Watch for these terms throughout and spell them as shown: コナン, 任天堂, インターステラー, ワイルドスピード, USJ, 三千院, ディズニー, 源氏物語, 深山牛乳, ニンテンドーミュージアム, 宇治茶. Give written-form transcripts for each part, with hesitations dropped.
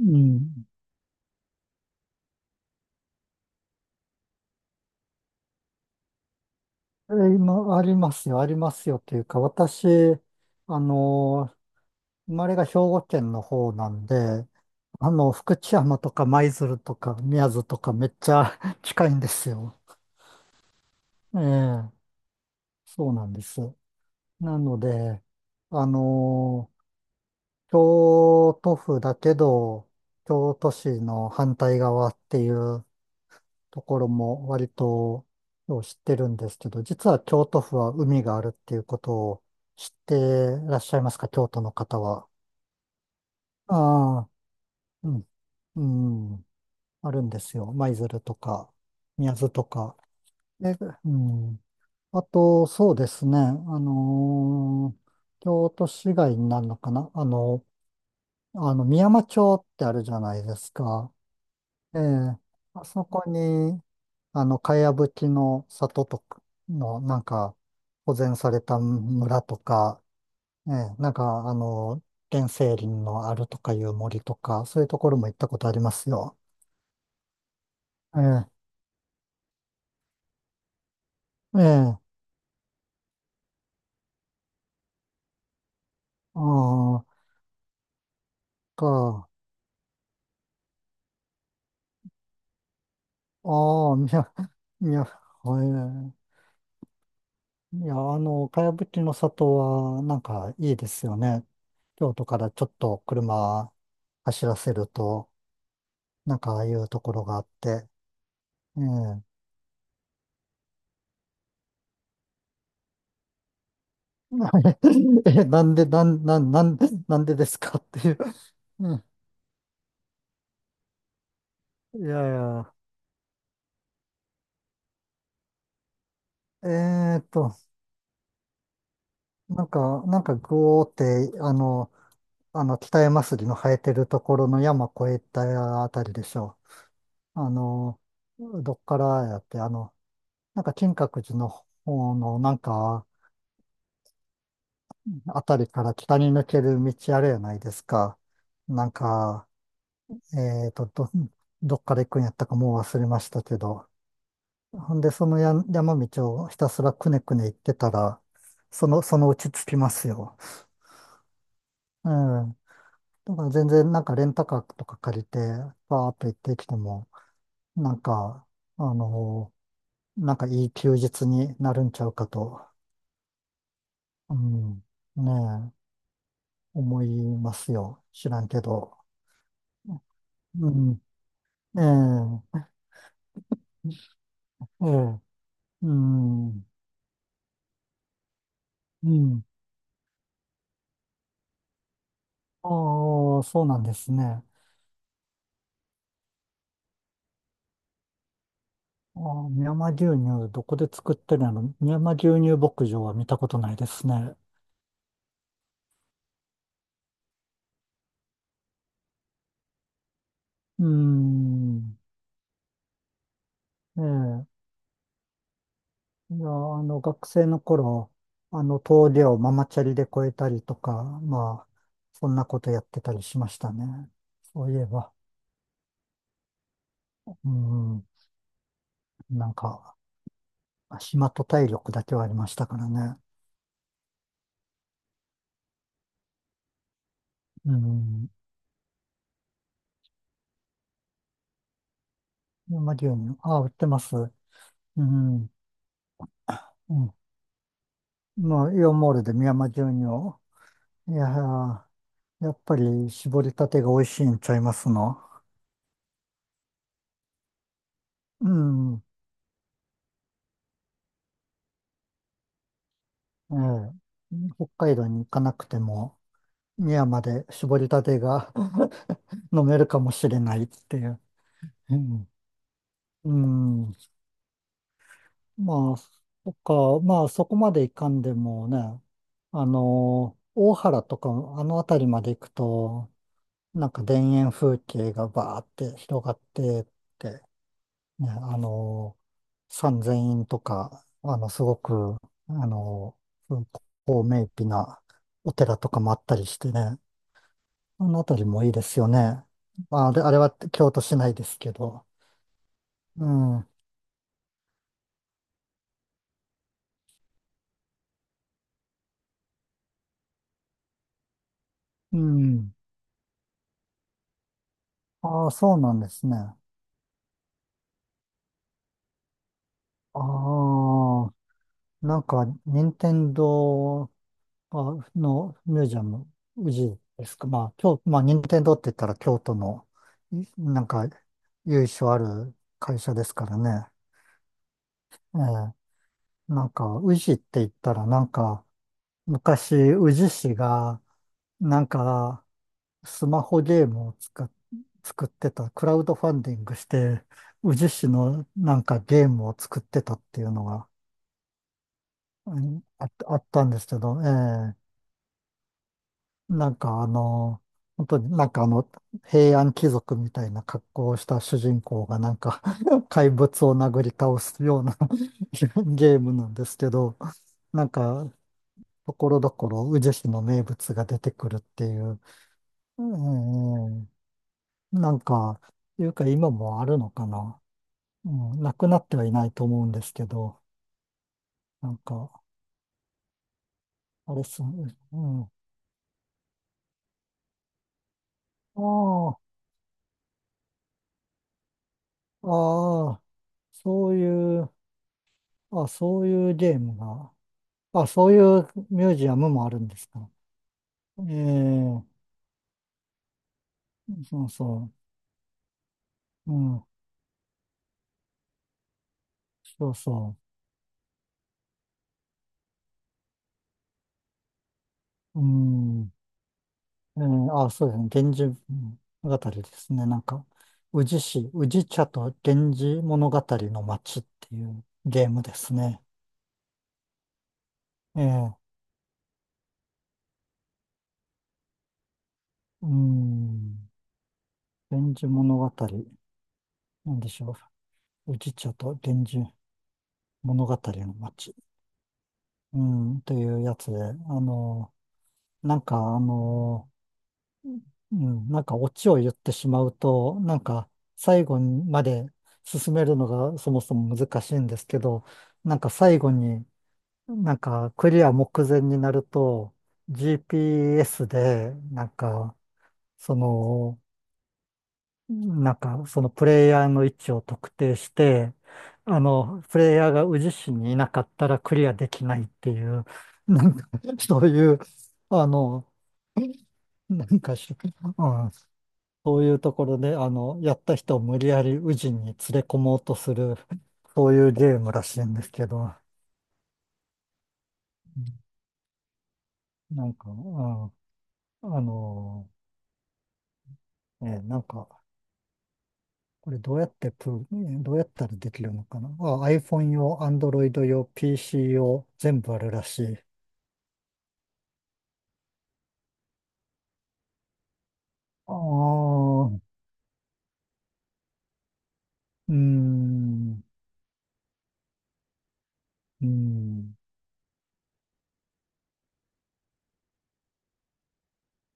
うん。今、ありますよ、ありますよというか、私、あのー生まれが兵庫県の方なんで、福知山とか舞鶴とか宮津とかめっちゃ 近いんですよ。ええ、そうなんです。なので、あのー京都府だけど、京都市の反対側っていうところも割とよう知ってるんですけど、実は京都府は海があるっていうことを知ってらっしゃいますか、京都の方は？ああ、うん、うん、あるんですよ。舞鶴とか、宮津とか。で、うん。あと、そうですね、のー京都市街になるのかな、美山町ってあるじゃないですか。ええ、あそこに、かやぶきの里とかの、なんか、保全された村とか、ええ、なんか、原生林のあるとかいう森とか、そういうところも行ったことありますよ。ええ、ええ、ああ、か、ああ、みや、みや、はい、いや、かやぶきの里は、なんか、いいですよね。京都からちょっと車走らせると、なんか、ああいうところがあって、ええ。 え、なんで、なんでですかっていう。うん。いやいや、えーと、なんか、ぐおーって、北山杉の生えてるところの山越えたあたりでしょう。どっからやって、なんか、金閣寺の方の、なんか、あたりから北に抜ける道あるやないですか。なんか、えーと、ど、どっから行くんやったかもう忘れましたけど。ほんで、そのや山道をひたすらくねくね行ってたら、そのうち着きますよ。うん。だから全然なんかレンタカーとか借りて、バーっと行ってきても、なんか、あのなんかいい休日になるんちゃうかと、うん、ねえ、思いますよ。知らんけど。うん。ええ、ええ、うん。うん。ああ、そうなんですね。ああ、深山牛乳、どこで作ってるの？深山牛乳牧場は見たことないですね。うーん。ええ。いや、学生の頃、峠をママチャリで越えたりとか、まあ、そんなことやってたりしましたね。そういえば、うん、なんか、暇と体力だけはありましたからね。うん。深山牛乳、ああ、売ってます。うん。うん。まあ、イオンモールで深山牛乳を、いやー、やっぱり搾りたてが美味しいんちゃいますの。うん。ええ。北海道に行かなくても、宮まで搾りたてが 飲めるかもしれないっていう。うん。うん。まあ、そっか、まあそこまで行かんでもね、大原とか、あの辺りまで行くと、なんか田園風景がバーって広がってね、三千院とか、すごく、あの、高名碑なお寺とかもあったりしてね、あの辺りもいいですよね。まあ、あれは京都市内ですけど。うん、うん。ああ、そうなんですね。ああ、なんか、任天堂あミュージアム、宇治ですか？まあ、まあ、任天堂って言ったら京都の、なんか、由緒ある会社ですからね。ええ、なんか、宇治って言ったら、なんか、昔、宇治市が、なんか、スマホゲームを作ってた、クラウドファンディングして、宇治市のなんかゲームを作ってたっていうのが、あったんですけど、ええ、なんか本当になんか平安貴族みたいな格好をした主人公がなんか 怪物を殴り倒すような ゲームなんですけど、なんか、ところどころ宇治市の名物が出てくるっていう。うんうんうん、なんか、いうか今もあるのかな。うん、なくなってはいないと思うんですけど、なんか、あれっすね、うん。ああ、ああ、そういう、あ、そういうゲームが、あ、そういうミュージアムもあるんですか？ええ、そうそう、うん、そうそう、うん。うん、あ、そうですね。源氏物語ですね。なんか、宇治市、宇治茶と源氏物語の街っていうゲームですね。ええ、うん、源氏物語、なんでしょう。宇治茶と源氏物語の街、うん、というやつで、の、なんか、うん、なんかオチを言ってしまうと、なんか、最後まで進めるのがそもそも難しいんですけど、なんか最後に、なんか、クリア目前になると、GPS で、なんか、その、なんか、そのプレイヤーの位置を特定して、プレイヤーが宇治市にいなかったらクリアできないっていう、なんか、そういう、あの、なんかし、うん、そういうところで、やった人を無理やり宇治に連れ込もうとする、そういうゲームらしいんですけど、なんか、うん、あの、なんか、これどうやってプロねどうやったらできるのかなあ、iPhone 用、Android 用、PC 用、全部あるらしい。ああ、うーん、うん、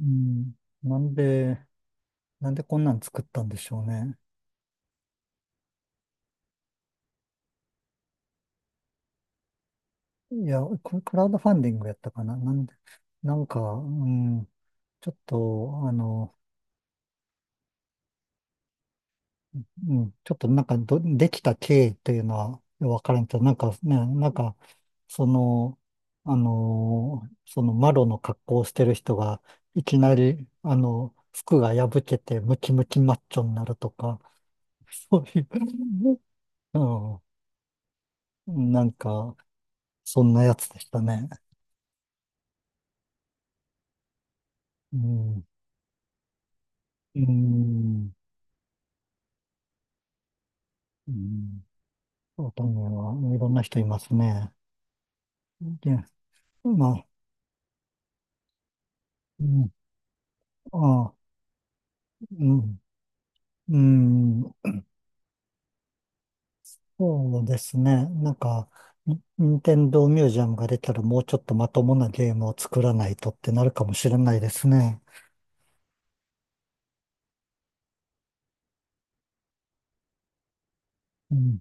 うん。なんで、なんでこんなん作ったんでしょうね。いや、これクラウドファンディングやったかな。なんで、なんか、うん、ちょっと、うん、ちょっとなんかできた経緯というのは分からんけど、なんかね、なんか、その、そのマロの格好をしてる人が、いきなり、服が破けてムキムキマッチョになるとか、そういう、うん、なんか、そんなやつでしたね。うん、うん、うん、そうだね、いろんな人いますね。で、まあ、うん、ああ、うん、うん。そうですね。なんか、ニンテンドーミュージアムが出たらもうちょっとまともなゲームを作らないとってなるかもしれないですね。うん